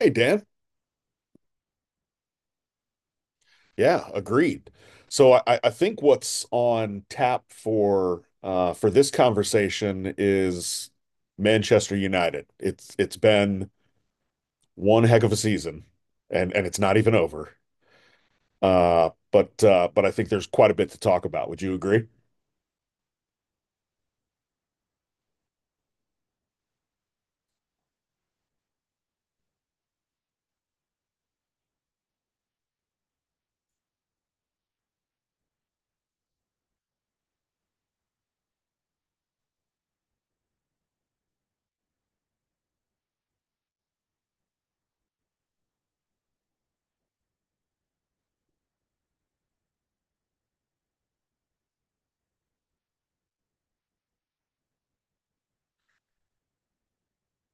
Hey, Dan. Yeah, agreed. So I think what's on tap for this conversation is Manchester United. It's been one heck of a season, and it's not even over. But I think there's quite a bit to talk about. Would you agree?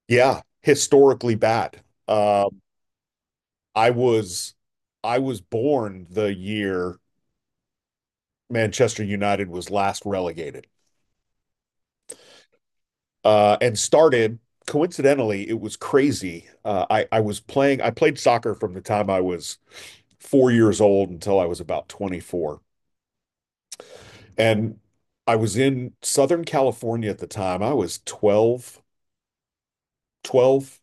Yeah, historically bad. Uh, I was I was born the year Manchester United was last relegated, and started. Coincidentally, it was crazy. I was playing. I played soccer from the time I was 4 years old until I was about 24, and I was in Southern California at the time. I was 12, twelve,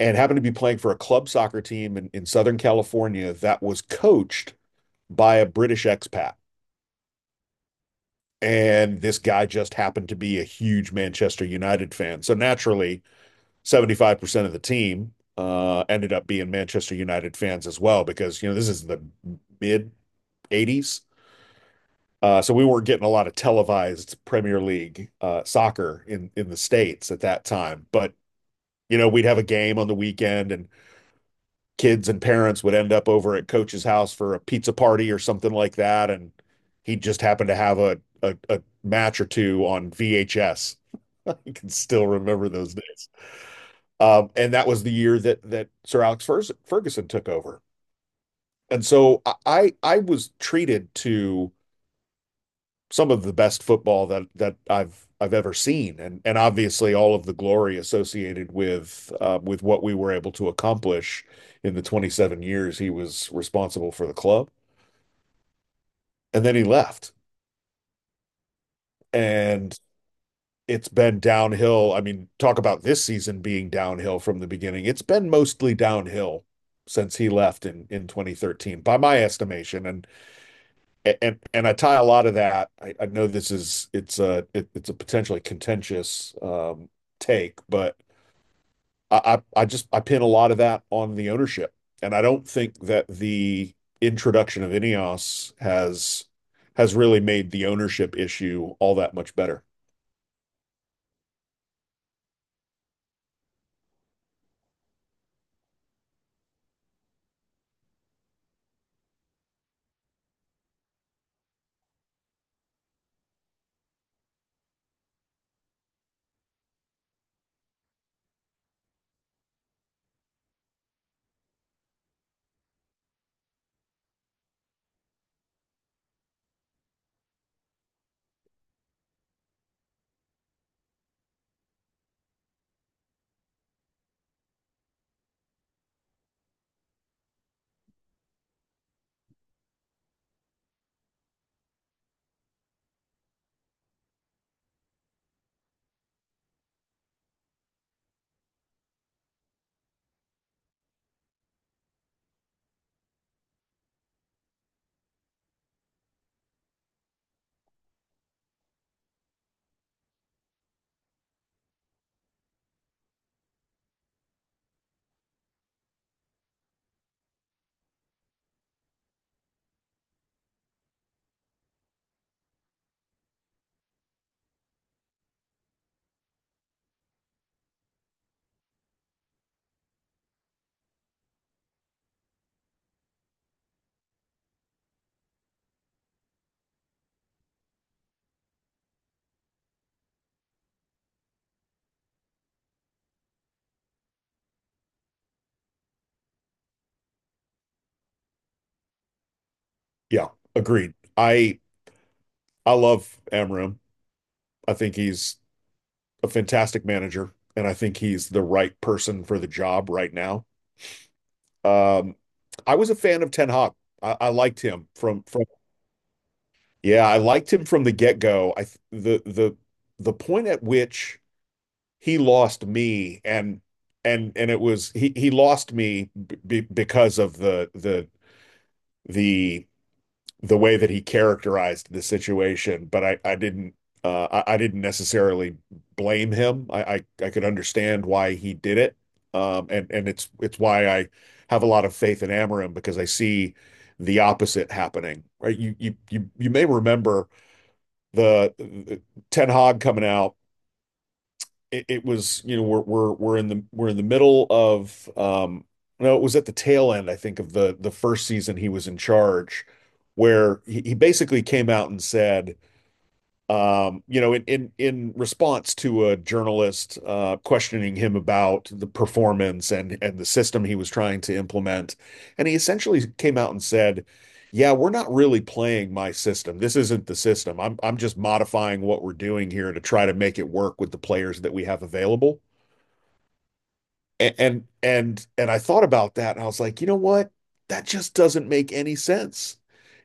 and happened to be playing for a club soccer team in Southern California that was coached by a British expat. And this guy just happened to be a huge Manchester United fan. So naturally, 75% of the team ended up being Manchester United fans as well, because, you know, this is the mid '80s. So we weren't getting a lot of televised Premier League soccer in the States at that time. But, you know, we'd have a game on the weekend and kids and parents would end up over at coach's house for a pizza party or something like that. And he just happened to have a match or two on VHS. I can still remember those days. And that was the year that Sir Alex Ferguson took over. And so I was treated to some of the best football that I've ever seen, and obviously all of the glory associated with what we were able to accomplish in the 27 years he was responsible for the club, and then he left, and it's been downhill. I mean, talk about this season being downhill from the beginning. It's been mostly downhill since he left in 2013, by my estimation, and I tie a lot of that. I know this is it's a potentially contentious take, but I, I just I pin a lot of that on the ownership, and I don't think that the introduction of Ineos has really made the ownership issue all that much better. Yeah, agreed. I love Amram. I think he's a fantastic manager, and I think he's the right person for the job right now. Um, I was a fan of Ten Hag. I liked him from yeah, I liked him from the get go. I th- the point at which he lost me, and it was he lost me because of the the way that he characterized the situation, but I didn't I didn't necessarily blame him. I could understand why he did it. And it's why I have a lot of faith in Amarim, because I see the opposite happening, right? You may remember the Ten Hag coming out. It was, you know, we're in the middle of no, it was at the tail end, I think, of the first season he was in charge, where he basically came out and said you know, in response to a journalist questioning him about the performance and the system he was trying to implement, and he essentially came out and said, "Yeah, we're not really playing my system. This isn't the system. I'm just modifying what we're doing here to try to make it work with the players that we have available." And I thought about that and I was like, you know what? That just doesn't make any sense.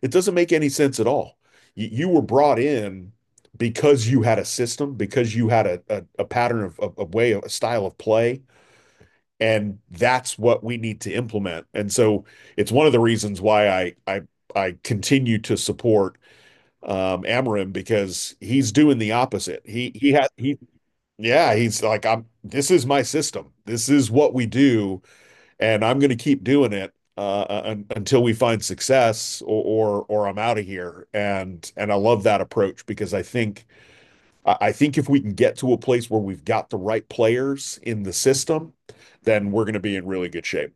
It doesn't make any sense at all. You were brought in because you had a system, because you had a pattern of a style of play, and that's what we need to implement. And so it's one of the reasons why I continue to support Amarim, because he's doing the opposite. He had he Yeah, he's like, I'm this is my system. This is what we do, and I'm going to keep doing it un until we find success, or I'm out of here. And I love that approach, because I think if we can get to a place where we've got the right players in the system, then we're going to be in really good shape.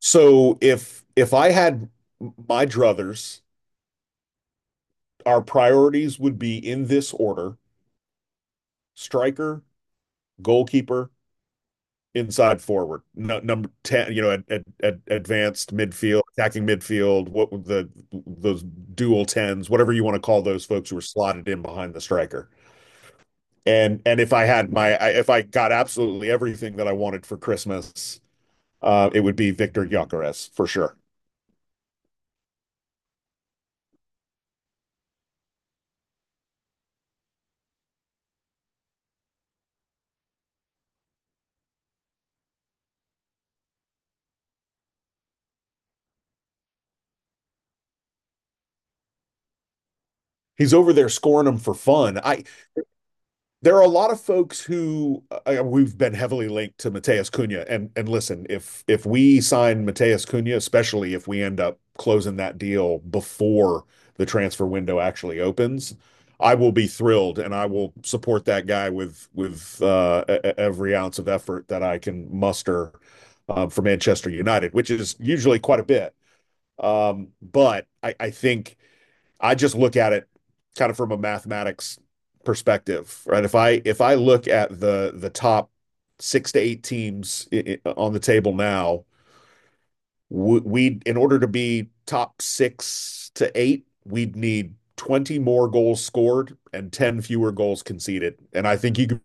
So if I had my druthers, our priorities would be in this order: striker, goalkeeper, inside forward, no, number 10, you know, at advanced midfield, attacking midfield, what the those dual tens, whatever you want to call those folks who were slotted in behind the striker. And if I had my if I got absolutely everything that I wanted for Christmas, it would be Victor Gyokeres for sure. He's over there scoring them for fun. I there are a lot of folks who we've been heavily linked to Mateus Cunha, and listen, if we sign Mateus Cunha, especially if we end up closing that deal before the transfer window actually opens, I will be thrilled, and I will support that guy with every ounce of effort that I can muster for Manchester United, which is usually quite a bit. I think I just look at it kind of from a mathematics perspective, right? If I look at the top six to eight teams on the table now, we in order to be top six to eight, we'd need 20 more goals scored and 10 fewer goals conceded. And I think you could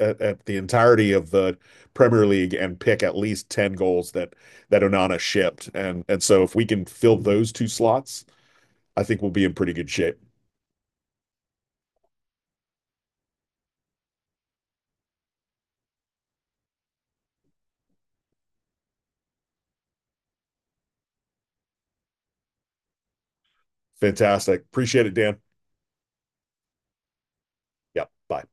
at the entirety of the Premier League and pick at least 10 goals that Onana shipped. And so if we can fill those two slots, I think we'll be in pretty good shape. Fantastic. Appreciate it, Dan. Yeah, bye.